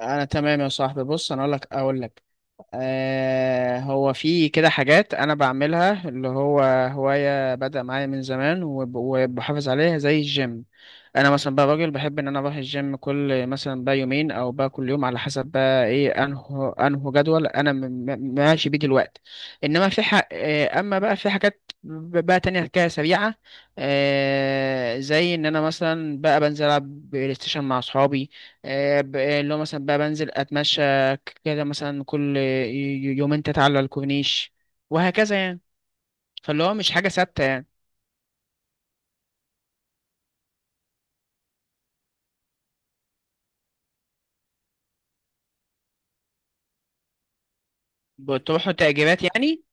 انا تمام يا صاحبي. بص، انا اقول لك هو في كده حاجات انا بعملها اللي هو هواية بدأ معايا من زمان وبحافظ عليها زي الجيم. انا مثلا بقى راجل بحب ان انا اروح الجيم كل مثلا بقى يومين او بقى كل يوم على حسب بقى ايه انه جدول انا ماشي بيه دلوقتي. انما في حق اما بقى في حاجات بقى تانية كده سريعة. زي ان انا مثلا بقى بنزل العب بلاي ستيشن مع اصحابي. اللي هو مثلا بقى بنزل اتمشى كده مثلا كل يومين تتعلى على الكورنيش وهكذا يعني، فاللي هو مش حاجة ثابتة يعني. بتروحوا تأجيرات يعني؟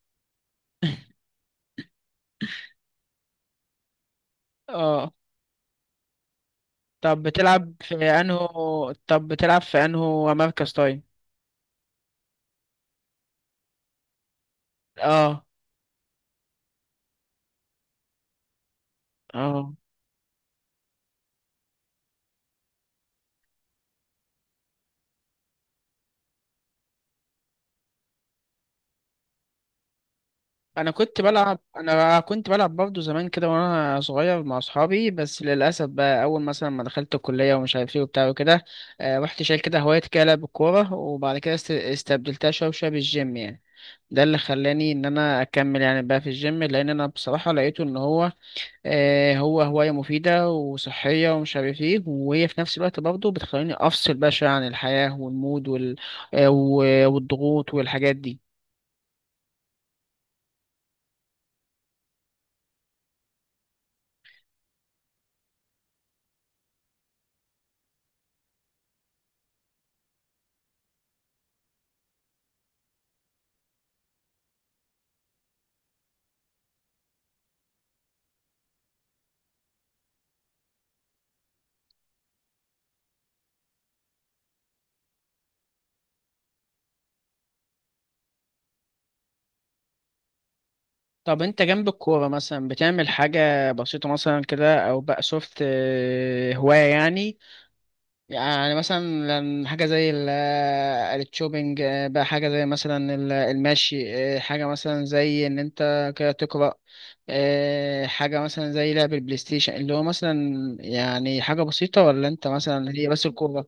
اه. طب بتلعب في انه طب بتلعب في انه مركز؟ طيب. اه. اه. انا كنت بلعب برضه زمان كده وانا صغير مع اصحابي، بس للاسف بقى اول مثلا ما دخلت الكليه ومش عارف ايه وبتاع وكده، رحت شايل كده هوايه كده لعب الكوره، وبعد كده استبدلتها شويه شويه بالجيم يعني. ده اللي خلاني ان انا اكمل يعني بقى في الجيم، لان انا بصراحه لقيته ان هو هو هوايه مفيده وصحيه ومش عارف ايه، وهي في نفس الوقت برضه بتخليني افصل بقى شويه عن الحياه والمود والضغوط والحاجات دي. طب انت جنب الكوره مثلا بتعمل حاجه بسيطه مثلا كده او بقى سوفت هوايه يعني؟ يعني مثلا، حاجة زي الشوبينج، بقى حاجة زي مثلا المشي، حاجة مثلا زي إن أنت كده تقرأ، حاجة مثلا زي لعب البلاي ستيشن اللي هو مثلا، يعني حاجة بسيطة، ولا أنت مثلا هي بس الكورة؟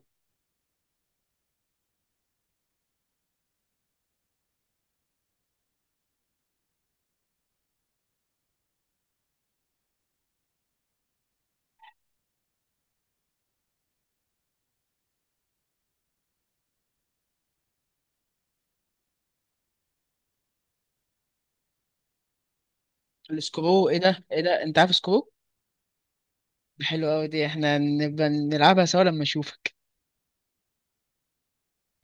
السكرو؟ إيه ده، إيه ده، أنت عارف سكرو؟ حلو أوي، دي إحنا نبقى نلعبها سوا لما أشوفك.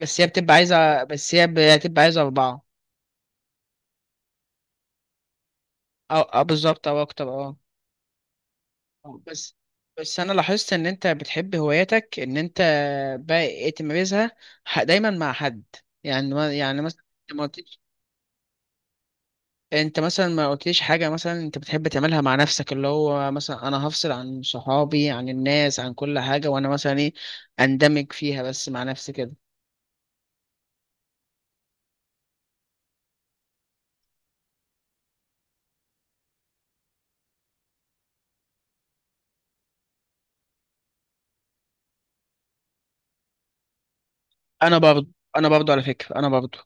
بس هي بتبقى عايزة أربعة. أو بالظبط، أو أكتر. أه. آه، بس بس انا لاحظت ان انت بتحب هواياتك، ان انت بقى إيه تمارسها، دايما مع حد، يعني يعني مثلا، انت ما قلتليش انت مثلا ما قلتليش حاجه مثلا انت بتحب تعملها مع نفسك، اللي هو مثلا انا هفصل عن صحابي عن الناس عن كل حاجه وانا مثلا ايه، اندمج فيها بس مع نفسي كده. انا برضه انا برضه على فكره انا برضه.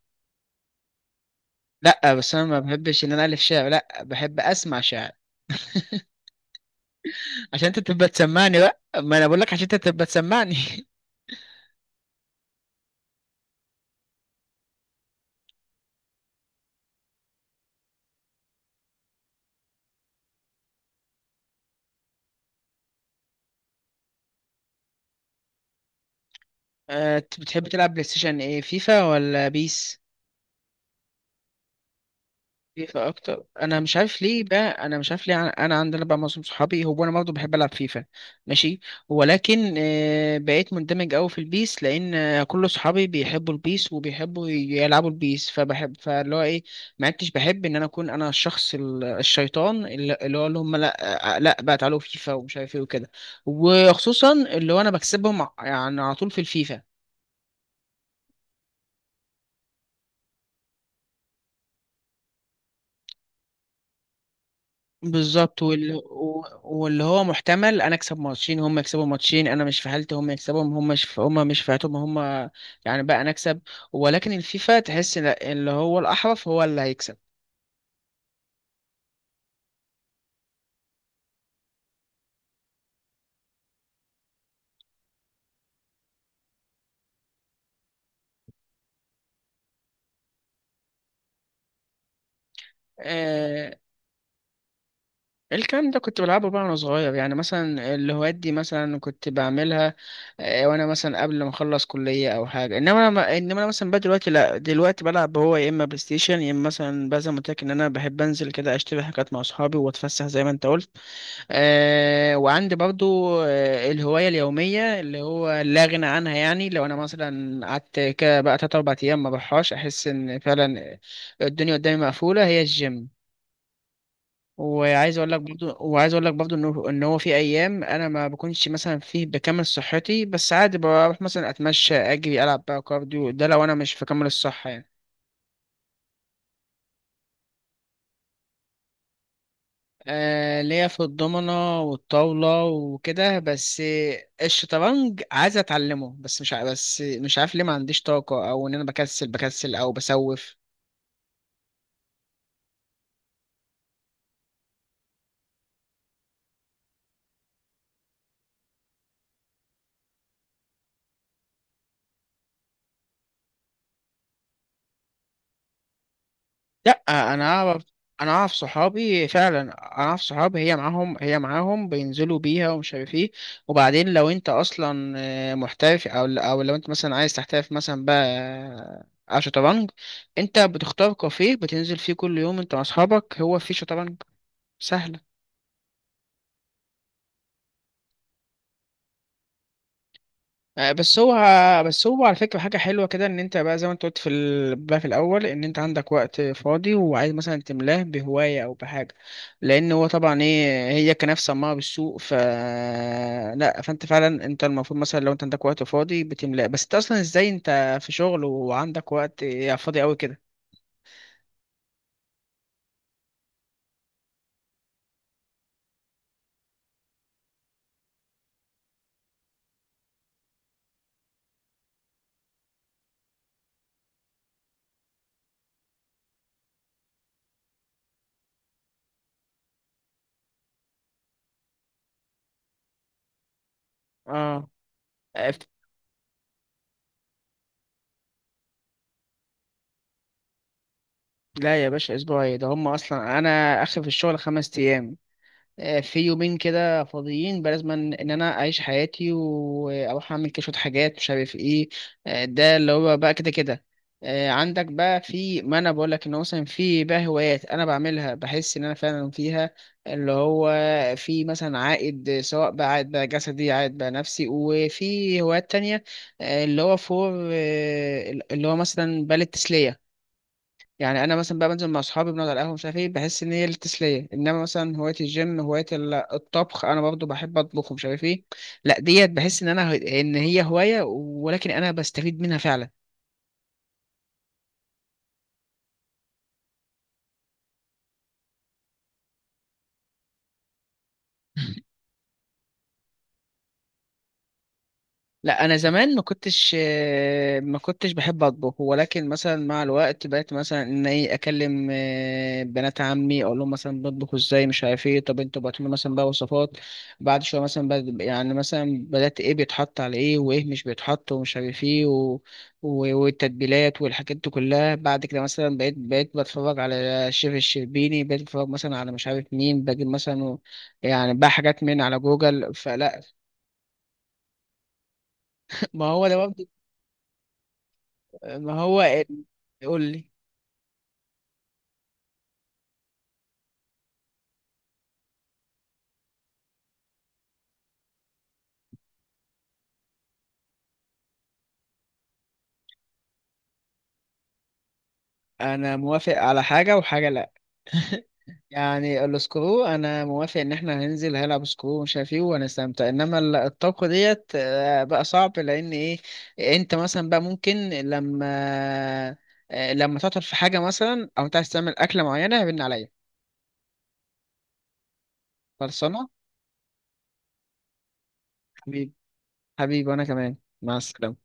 لا، بس انا ما بحبش ان انا الف شعر، لا بحب اسمع شعر. عشان انت تبقى تسمعني بقى، ما انا بقول لك عشان انت تبقى تسمعني. بتحب تلعب بلاي ستيشن ايه، فيفا ولا بيس؟ فيفا اكتر. انا مش عارف ليه، انا عندنا بقى معظم صحابي هو، انا برضه بحب العب فيفا. ماشي. ولكن بقيت مندمج قوي في البيس لان كل صحابي بيحبوا البيس وبيحبوا يلعبوا البيس، فاللي هو ايه، ما عدتش بحب ان انا اكون انا الشخص الشيطان، اللي هو اللي هم، لا لا بقى تعالوا فيفا ومش عارف ايه وكده، وخصوصا اللي هو انا بكسبهم يعني على طول في الفيفا. بالظبط، واللي هو محتمل انا اكسب ماتشين هم يكسبوا ماتشين، انا مش في حالتي، هم يكسبهم هم مش في حالتهم هم، يعني بقى انا اكسب. ولكن الفيفا تحس إن اللي هو الاحرف هو اللي هيكسب. آه الكلام ده كنت بلعبه بقى وانا صغير، يعني مثلا الهوايات دي مثلا كنت بعملها، وانا مثلا قبل ما اخلص كلية او حاجة، انما انا مثلا بقى دلوقتي، لا دلوقتي بلعب هو يا اما بلاي ستيشن يا اما مثلا بقى زي ما قلت لك ان انا بحب انزل كده اشتري حاجات مع اصحابي واتفسح زي ما انت قلت. وعندي برضو الهواية اليومية اللي هو لا غنى عنها، يعني لو أنا مثلا قعدت كده بقى تلات أربع أيام ما بروحهاش أحس إن فعلا الدنيا قدامي مقفولة، هي الجيم. وعايز أقول لك برضو إنه، إن هو في أيام أنا ما بكونش مثلا فيه بكامل صحتي، بس عادي بروح مثلا أتمشى أجري ألعب بقى كارديو، ده لو أنا مش في كامل الصحة يعني. ليا في الضمنة والطاولة وكده بس. الشطرنج عايز اتعلمه، بس مش ع- بس مش عارف ليه، ما عنديش طاقة، او ان انا بكسل او بسوف. لا، انا اعرف انا اعرف صحابي، هي معاهم بينزلوا بيها ومش عارف ايه، وبعدين لو انت اصلا محترف او لو انت مثلا عايز تحترف مثلا بقى على شطرنج، انت بتختار كافيه بتنزل فيه كل يوم انت واصحابك هو فيه شطرنج. سهلة. آه، بس هو بس هو على فكرة حاجة حلوة كده، ان انت بقى زي ما انت قلت في بقى في الاول ان انت عندك وقت فاضي وعايز مثلا تملاه بهواية او بحاجة، لان هو طبعا ايه هي كناف سماعة بالسوق، لا فانت فعلا انت المفروض مثلا لو انت عندك وقت فاضي بتملاه، بس انت اصلا ازاي انت في شغل وعندك وقت فاضي قوي كده؟ اه. أف- لا يا باشا، اسبوعي ده هم اصلا انا اخر في الشغل خمس ايام، في يومين كده فاضيين بلازم ان انا اعيش حياتي واروح اعمل كده شويه حاجات مش عارف ايه. ده اللي هو بقى كده كده. عندك بقى في، ما انا بقول لك ان هو مثلا في بقى هوايات انا بعملها بحس ان انا فعلا فيها، اللي هو في مثلا عائد سواء بقى عائد بقى جسدي عائد بقى نفسي، وفي هوايات تانية اللي هو مثلا بالة تسلية. يعني انا مثلا بقى بنزل مع اصحابي بنقعد على القهوه مش عارف ايه، بحس ان هي التسليه، انما مثلا هوايه الجيم، هوايه الطبخ، انا برضو بحب اطبخ ومش عارف ايه، لا ديت بحس ان انا ان هي هوايه، ولكن انا بستفيد منها فعلا. لا، انا زمان ما كنتش بحب اطبخ، ولكن مثلا مع الوقت بقيت مثلا ان ايه، اكلم بنات عمي اقول لهم مثلا بطبخوا ازاي مش عارف ايه، طب انتوا بعتوا لي مثلا بقى وصفات، بعد شويه مثلا يعني مثلا بدات ايه بيتحط على ايه وايه مش بيتحط ومش عارف ايه والتتبيلات والحاجات دي كلها، بعد كده مثلا بقيت بتفرج على الشيف الشربيني، بقيت بتفرج مثلا على مش عارف مين، بجيب مثلا يعني بقى حاجات من على جوجل فلا. ما هو ده برضه، ما هو ال- يقول لي. انا موافق على حاجة وحاجة لا. يعني السكرو انا موافق ان احنا هننزل هنلعب سكرو ومش عارف ايه وهنستمتع، انما الطبخ ديت بقى صعب لان ايه، انت مثلا بقى ممكن لما لما تعطل في حاجة مثلا او انت عايز تعمل اكلة معينة هيبن عليا. خلصانة حبيبي. حبيبي وانا كمان. مع السلامة.